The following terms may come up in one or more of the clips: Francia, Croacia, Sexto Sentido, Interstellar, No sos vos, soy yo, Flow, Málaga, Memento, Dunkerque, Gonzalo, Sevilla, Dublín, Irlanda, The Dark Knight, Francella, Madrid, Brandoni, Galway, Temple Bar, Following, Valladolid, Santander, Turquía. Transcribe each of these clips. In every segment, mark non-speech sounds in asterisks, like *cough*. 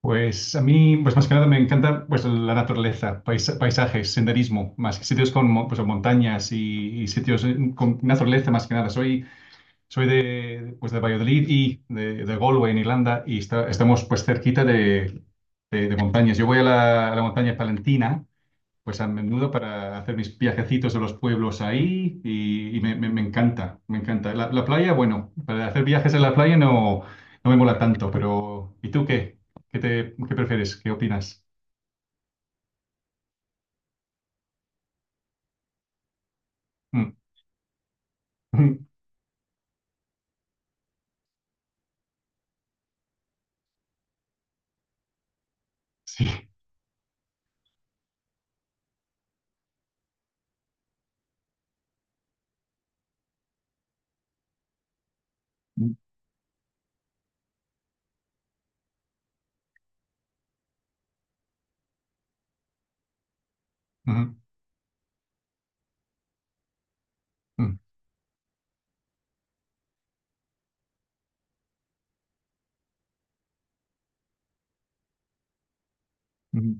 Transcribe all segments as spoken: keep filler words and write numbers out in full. Pues a mí, pues más que nada me encanta pues la naturaleza, pais- paisajes, senderismo, más que sitios con mo- pues, montañas y, y sitios eh, con naturaleza más que nada. Soy, soy de, pues, de Valladolid y de, de Galway en Irlanda y está- estamos pues cerquita de, de- de montañas. Yo voy a la, a la montaña palentina pues a menudo para hacer mis viajecitos a los pueblos ahí y, y me, me- me encanta, me encanta. La, la playa, bueno, para hacer viajes en la playa no, no me mola tanto, pero ¿y tú qué? ¿Qué te, qué prefieres? ¿Qué opinas? Mm. *laughs* Sí. Ujú, ujú, mm, ujú.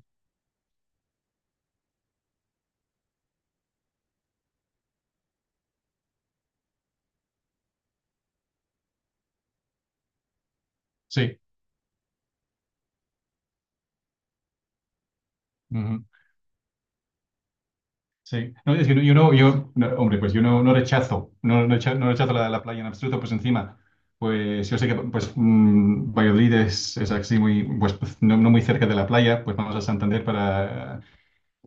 Sí. Sí, no, es que no- yo no, yo, no, hombre, pues yo no, no rechazo, no, no recha- no rechazo la, la playa en absoluto, pues encima, pues yo sé que pues mm, Valladolid es, es así muy, pues no, no muy cerca de la playa, pues vamos a Santander para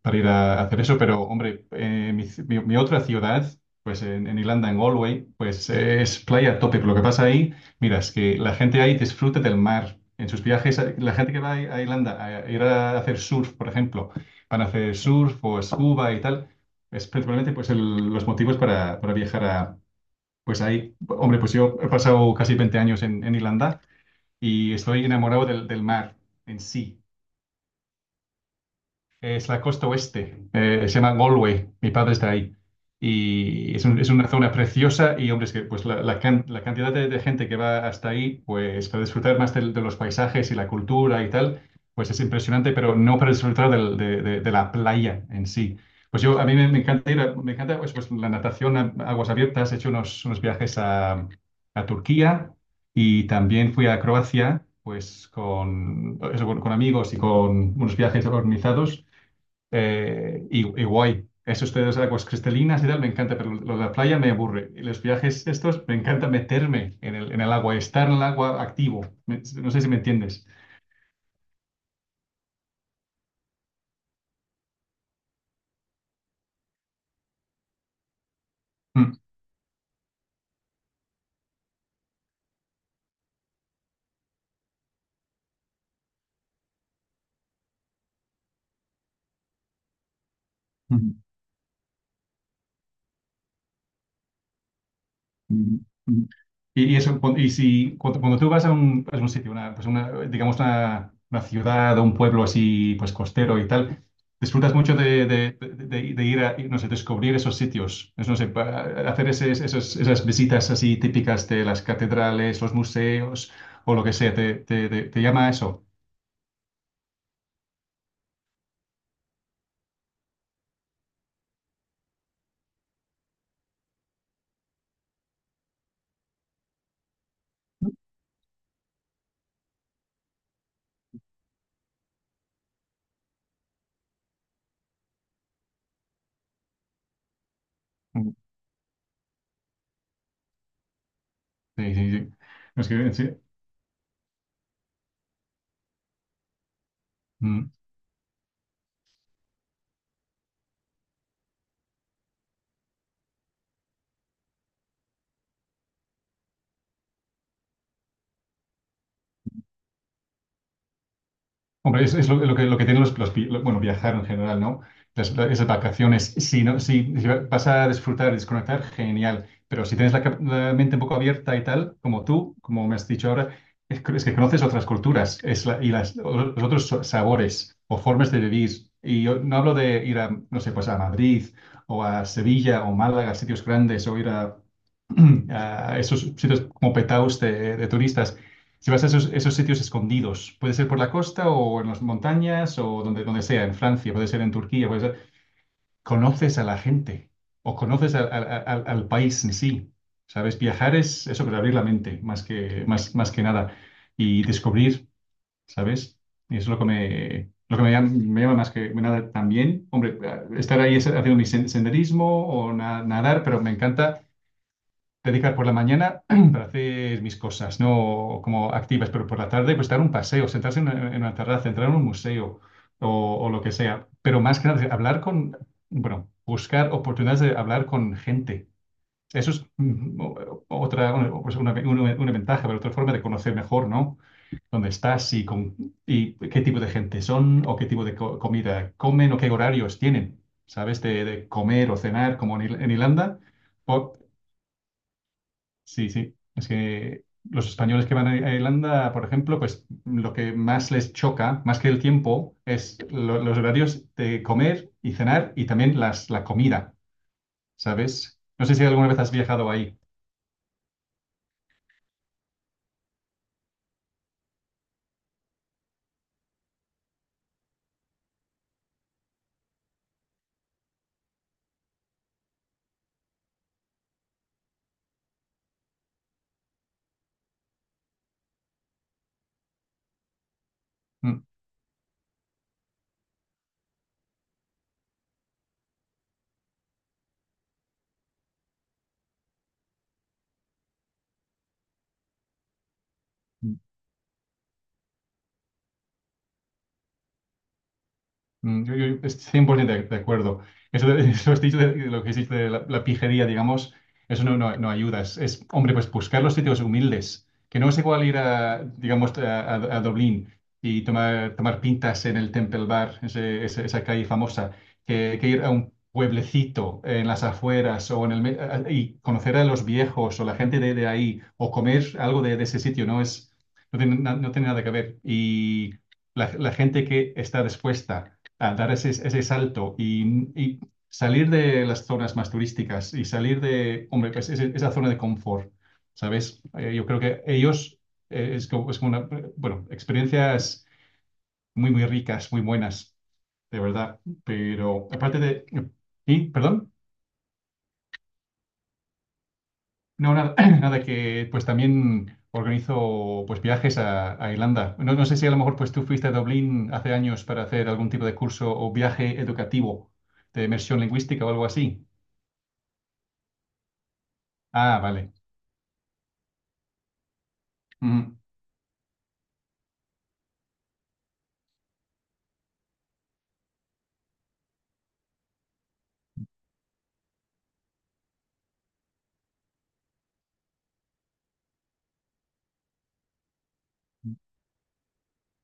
para ir a hacer eso, pero hombre, eh, mi, ci- mi- mi otra ciudad, pues en, en Irlanda, en Galway, pues eh, es playa a tope. Pero Lo que pasa ahí, mira, es que la gente ahí disfruta del mar. En sus viajes, eh, la gente que va a a Irlanda a ir a hacer surf, por ejemplo, van a hacer surf o scuba y tal, es principalmente pues el- los motivos para, para viajar a, pues ahí. Hombre, pues yo he pasado casi veinte años en, en Irlanda y estoy enamorado del, del mar en sí. Es la costa oeste, eh, se llama Galway, mi padre está ahí. Y es, un- es una zona preciosa y, hombre, es que pues, la, la can- la cantidad de, de gente que va hasta ahí, pues para disfrutar más del- de, los paisajes y la cultura y tal, pues es impresionante, pero no para disfrutar del- de, de- de la playa en sí. Pues yo, a mí me, me encanta ir, a- me encanta pues, pues, la natación a aguas abiertas, he hecho unos, unos viajes a, a Turquía y también fui a Croacia, pues con, eso, con con amigos y con unos viajes organizados. Eh, y, y guay. Eso ustedes de aguas cristalinas y tal, me encanta, pero lo de la playa me aburre. Y los viajes estos, me encanta meterme en el, en el, agua, estar en el agua activo. Me- no sé si me entiendes. Mm. Ujú, ujú. Y, y eso, cu- y si cuando, cuando tú vas a un, a un sitio, una, pues una, digamos una, una ciudad o un pueblo así, pues costero y tal, disfrutas mucho de, de- de- de- de ir a, no sé, descubrir esos sitios, es, no sé, pa- hacer ese- esos- esas visitas así típicas de las catedrales, los museos o lo que sea, te, te- te- te llama a eso. Mm. Sí, sí, sí. Es que, sí. Mm. Hombre, es, es lo, lo que, lo que tienen los, los vi- lo- bueno, viajar en general, ¿no? Las, la- esas vacaciones, si, no, si, si vas a disfrutar, desconectar, genial, pero si tienes la, cap- la mente un poco abierta y tal, como tú, como me has dicho ahora, es, que es que conoces otras culturas es la- y las, los otros so- sabores o formas de vivir. Y yo no hablo de ir a, no sé, pues a Madrid o a Sevilla o Málaga, sitios grandes, o ir a, *clears throat* a esos sitios como petaos de de turistas si vas a esos, esos, sitios escondidos, puede ser por la costa o en las montañas o donde, donde sea, en Francia, puede ser en Turquía, puede ser. Conoces a la gente o conoces al, al- al- al país en sí. ¿Sabes? Viajar es eso, pero abrir la mente más que, más, más que nada y descubrir, ¿sabes? Y eso es lo que me, lo que me, llama, me llama más que nada también. Hombre, eh, estar ahí haciendo mi sen- senderismo o na- nadar, pero me encanta dedicar por la mañana *clears throat* para hacer mis cosas, no como activas, pero por la tarde pues dar un paseo, sentarse en una, en una terraza, entrar en un museo o, o lo que sea. Pero más que nada, hablar con, bueno, buscar oportunidades de hablar con gente. Eso es mm, mm, o- otra, una, pues, una- una- una ventaja, pero otra forma de conocer mejor, ¿no? Dónde estás y, con, y qué tipo de gente son o qué tipo de co- comida comen o qué horarios tienen, ¿sabes? De, de comer o cenar, como en, Ir- en Irlanda. Sí, sí. Es que los españoles que van a a Irlanda, por ejemplo, pues lo que más les choca, más que el tiempo, es lo- los horarios de comer y cenar y también las, la comida, ¿sabes? No sé si alguna vez has viajado ahí. Mm. Mm, Yo, yo estoy cien por ciento de, de acuerdo. Eso, de, *laughs* eso has dicho de- de lo que has dicho de la, la pijería, digamos, eso no, no, no ayuda. Es, es, hombre, pues buscar los sitios humildes, que no es igual ir a, digamos, a, a- a Dublín y tomar, tomar pintas en el Temple Bar, ese- ese- esa calle famosa, que, que ir a un pueblecito en las afueras o en el, me- a- a- y conocer a los viejos o la gente de, de ahí o comer algo de, de ese sitio, no es, no tiene, na- no tiene nada que ver. Y la, la gente que está dispuesta a dar ese, ese salto y, y salir de las zonas más turísticas y salir de, hombre, pues ese- esa zona de confort, ¿sabes? Eh, yo creo que ellos eh, es como, es como una, bueno, experiencias muy, muy ricas, muy buenas, de verdad. Pero aparte de. ¿Y? ¿Perdón? No, nada, *clears throat* nada que, pues también organizo pues viajes a, a Irlanda. No, no sé si a lo mejor pues tú fuiste a Dublín hace años para hacer algún tipo de curso o viaje educativo de inmersión lingüística o algo así. Ah, vale. Ujú.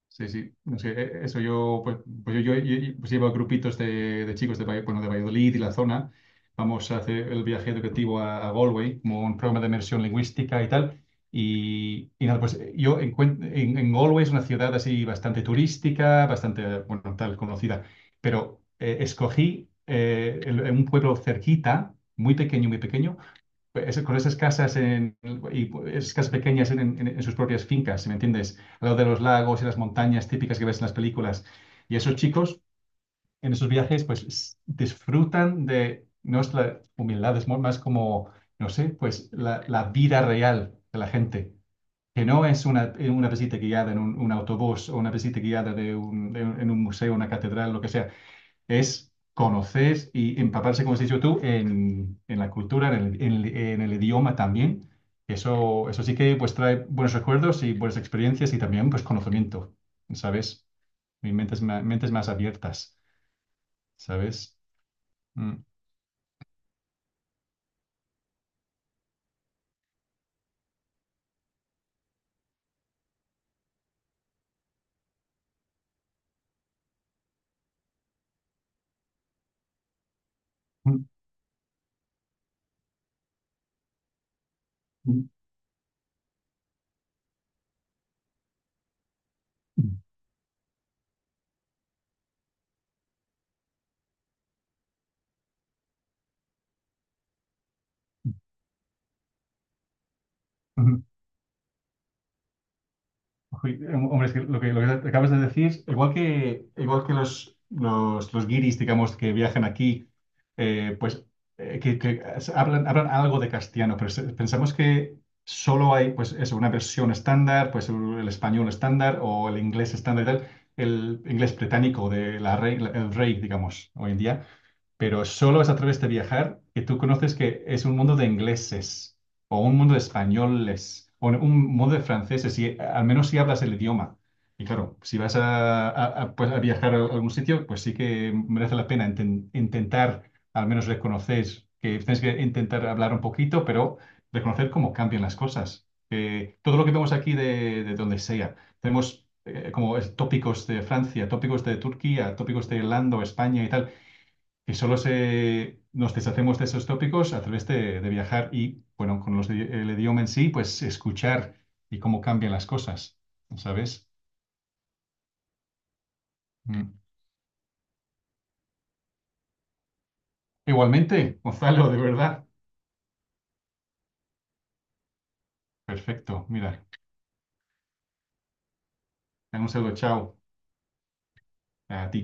Sí, sí. No sé, e- eso yo, pues, pues yo, yo, yo- pues llevo a grupitos de, de chicos de, Valle- bueno, de Valladolid y la zona. Vamos a hacer el viaje educativo a, a Galway, como un programa de inmersión lingüística y tal. Y, y nada, pues eh, yo encuent- en, en Galway es una ciudad así bastante turística, bastante, bueno, tal, conocida. Pero eh, escogí eh, el- un pueblo cerquita, muy pequeño, muy pequeño, es- con esas casas en, y esas casas pequeñas en, en- en sus propias fincas, ¿me entiendes? Al lado de los lagos y las montañas típicas que ves en las películas. Y esos chicos en esos viajes pues s- disfrutan de nuestra humildad, es mo- más como, no sé, pues la, la vida real de la gente, que no es una, una visita guiada en un, un autobús o una visita guiada de un- de un- en un museo, una catedral, lo que sea es conocer y empaparse, como has dicho tú, en, en la cultura, en el, en el- en el idioma también. Eso, eso sí que pues trae buenos recuerdos y buenas experiencias y también pues conocimiento, ¿sabes? Y mentes, ma- mentes más abiertas, ¿sabes? Mm. Mm, mm, mm. Uy, em, hombre, es que lo que, lo que acabas de decir, igual que, igual que los, los, los guiris, digamos, que viajan aquí, eh, pues eh, que, que hablan, hablan algo de castellano, pero se- pensamos que solo hay, pues eso, una versión estándar, pues el, el español estándar o el inglés estándar y tal, el inglés británico de la rey, el rey, digamos, hoy en día pero solo es a través de viajar que tú conoces que es un mundo de ingleses o un mundo de españoles o un mundo de franceses, si, al menos si hablas el idioma. Y claro, si vas a, a- a, pues, a viajar a algún sitio, pues sí que merece la pena inten- intentar, al menos reconocer, que tienes que intentar hablar un poquito, pero reconocer cómo cambian las cosas. Que todo lo que vemos aquí de, de donde sea, tenemos eh, como es- tópicos de Francia, tópicos de Turquía, tópicos de Irlanda, o España y tal que solo se, nos deshacemos de esos tópicos a través de, de viajar y, bueno, con los, di- el idioma en sí, pues escuchar y cómo cambian las cosas, ¿sabes? Mm. Igualmente, Gonzalo, de verdad. Perfecto, mira. Un saludo, chao a ti.